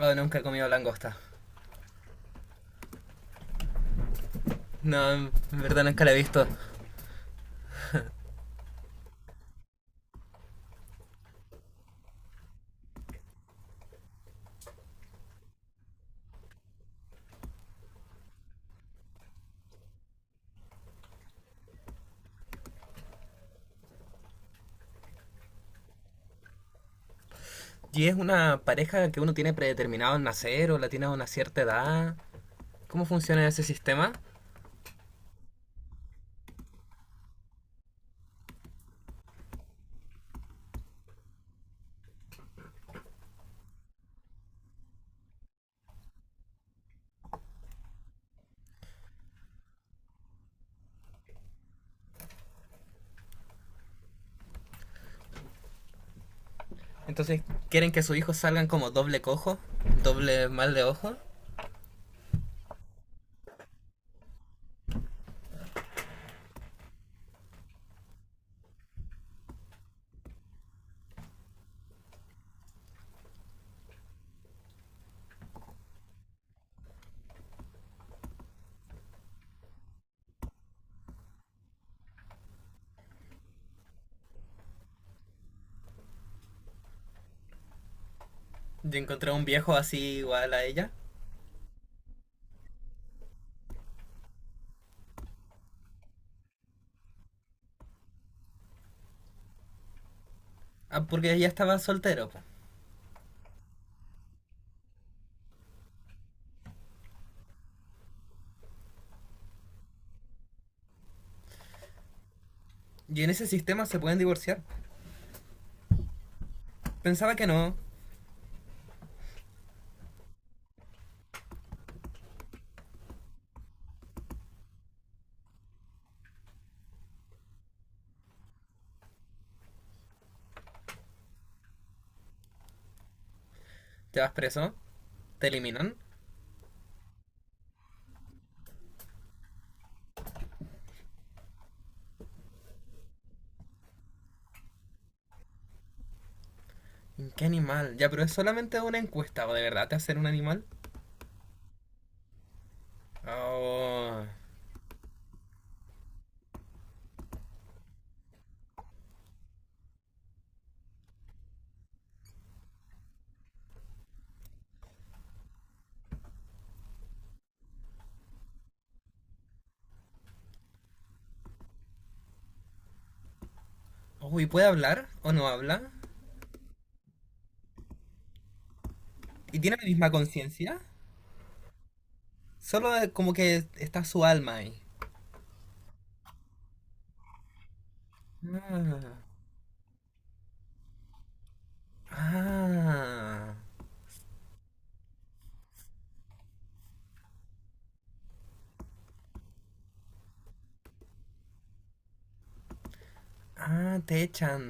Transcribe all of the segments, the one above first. Oh, nunca he comido langosta. No, en verdad nunca la he visto. ¿Y es una pareja que uno tiene predeterminado en nacer o la tiene a una cierta edad? ¿Cómo funciona ese sistema? Entonces, ¿quieren que sus hijos salgan como doble cojo? ¿Doble mal de ojo? Yo encontré a un viejo así igual a ella. Ah, porque ella estaba soltero. Po. Y en ese sistema se pueden divorciar. Pensaba que no. Te vas preso. Te eliminan. ¿Qué animal? Ya, pero es solamente una encuesta, ¿o de verdad te hacen un animal? Oh. Uy, ¿puede hablar o no habla? ¿Y tiene la misma conciencia? Solo como que está su alma ahí. Ah, ah, ah, te echan.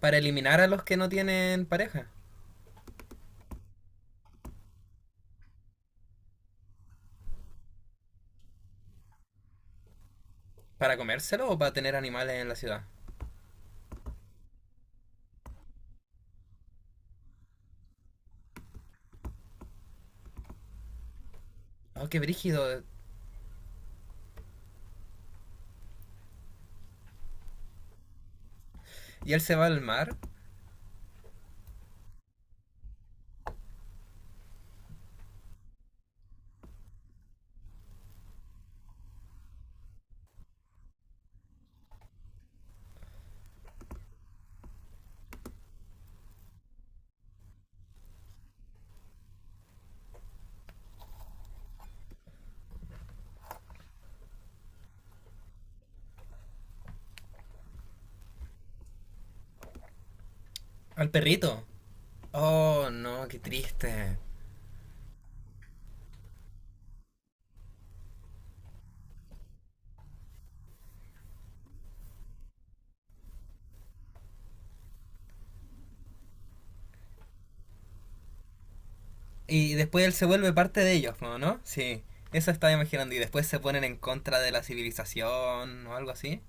Para eliminar a los que no tienen pareja. ¿Para comérselo o para tener animales en la ciudad? Oh, qué brígido. Y él se va al mar, al perrito. Oh, no, qué triste. Y después él se vuelve parte de ellos, ¿no? ¿No? Sí, eso estaba imaginando. Y después se ponen en contra de la civilización o algo así.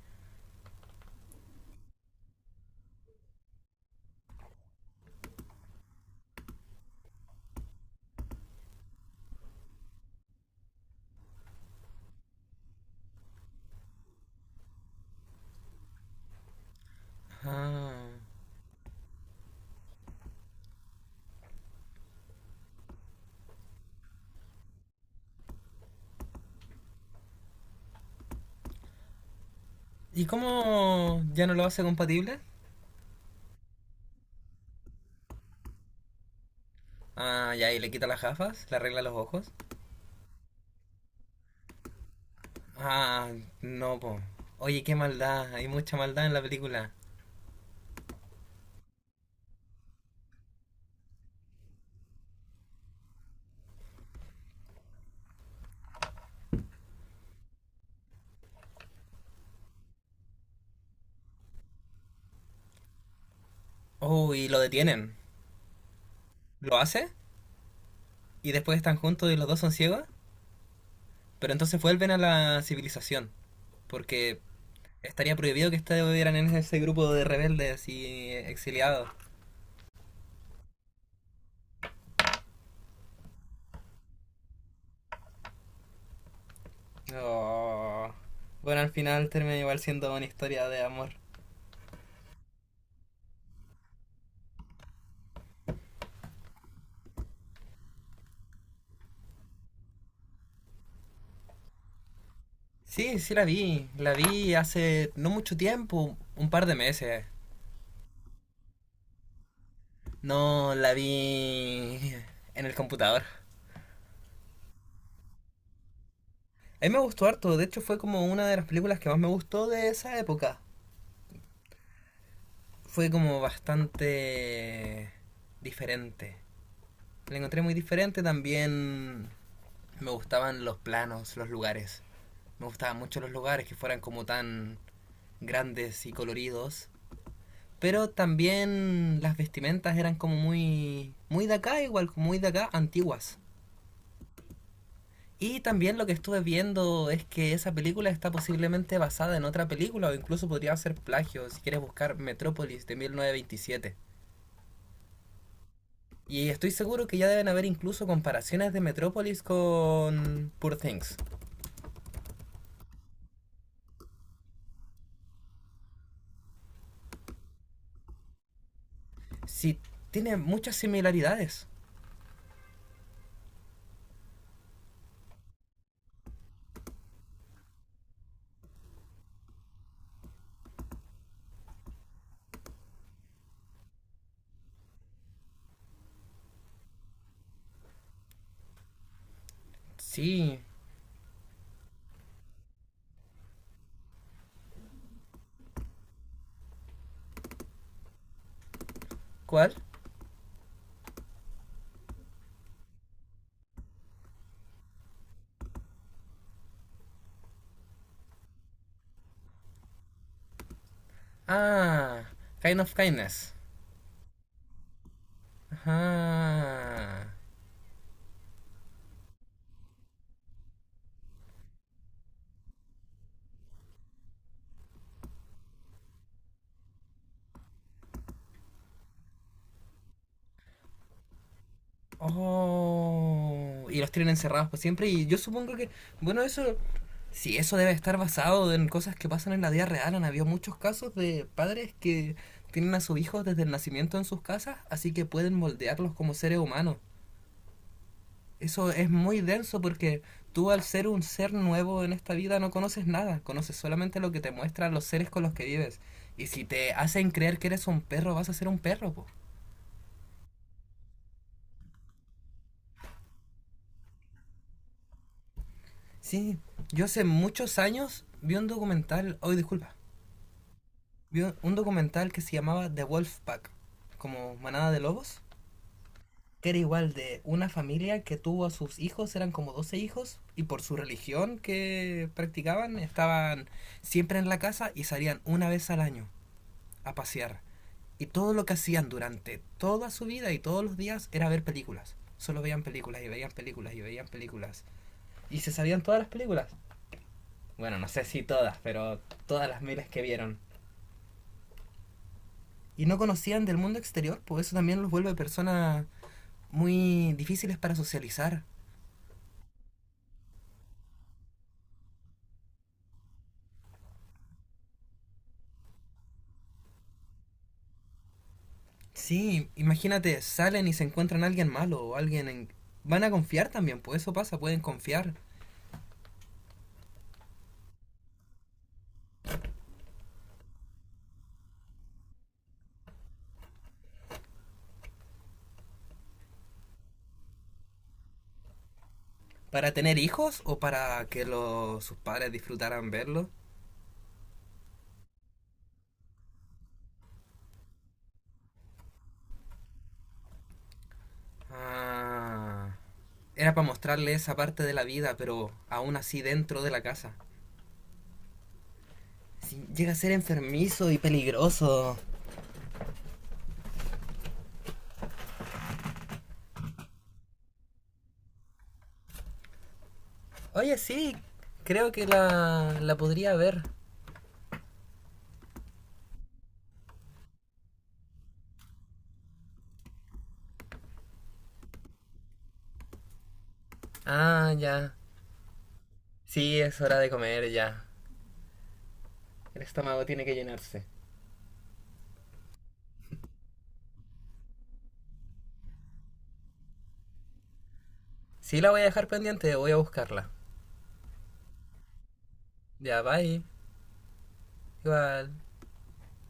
Ah. ¿Y cómo ya no lo hace compatible? Ah, ya, y le quita las gafas, le arregla los ojos. Ah, no, po. Oye, qué maldad, hay mucha maldad en la película. Oh, y lo detienen. ¿Lo hace? Y después están juntos y los dos son ciegos. Pero entonces vuelven a la civilización. Porque estaría prohibido que estuvieran en ese grupo de rebeldes y exiliados. Oh. Bueno, al final termina igual siendo una historia de amor. Sí, sí la vi. La vi hace no mucho tiempo, un par de meses. No la vi en el computador. A mí me gustó harto, de hecho fue como una de las películas que más me gustó de esa época. Fue como bastante diferente. La encontré muy diferente, también me gustaban los planos, los lugares. Me gustaban mucho los lugares que fueran como tan grandes y coloridos. Pero también las vestimentas eran como muy de acá, igual, muy de acá, antiguas. Y también lo que estuve viendo es que esa película está posiblemente basada en otra película o incluso podría ser plagio si quieres buscar Metrópolis de 1927. Y estoy seguro que ya deben haber incluso comparaciones de Metrópolis con Poor Things. Sí, tiene muchas similaridades. Sí. ¿Cuál? Ah, Kind of Kindness. Ajá. Oh, y los tienen encerrados por siempre. Y yo supongo que, bueno, eso, si eso debe estar basado en cosas que pasan en la vida real. Han habido muchos casos de padres que tienen a sus hijos desde el nacimiento en sus casas, así que pueden moldearlos como seres humanos. Eso es muy denso porque tú al ser un ser nuevo en esta vida no conoces nada, conoces solamente lo que te muestran los seres con los que vives. Y si te hacen creer que eres un perro, vas a ser un perro, po. Sí, yo hace muchos años vi un documental, hoy disculpa, vi un documental que se llamaba The Wolf Pack, como manada de lobos, que era igual de una familia que tuvo a sus hijos, eran como 12 hijos, y por su religión que practicaban, estaban siempre en la casa y salían una vez al año a pasear. Y todo lo que hacían durante toda su vida y todos los días era ver películas. Solo veían películas y veían películas y veían películas. Y se sabían todas las películas. Bueno, no sé si todas, pero todas las miles que vieron. Y no conocían del mundo exterior, pues eso también los vuelve personas muy difíciles para socializar. Sí, imagínate, salen y se encuentran a alguien malo o alguien en... Van a confiar también, pues eso pasa, pueden confiar. ¿Para tener hijos o para que los, sus padres disfrutaran verlo? Ah, era para mostrarle esa parte de la vida, pero aún así dentro de la casa. Sí, llega a ser enfermizo y peligroso. Oye, sí, creo que la podría ver. Ah, ya. Sí, es hora de comer ya. El estómago tiene que llenarse. Sí, la voy a dejar pendiente, voy a buscarla. Ya, bye. Igual.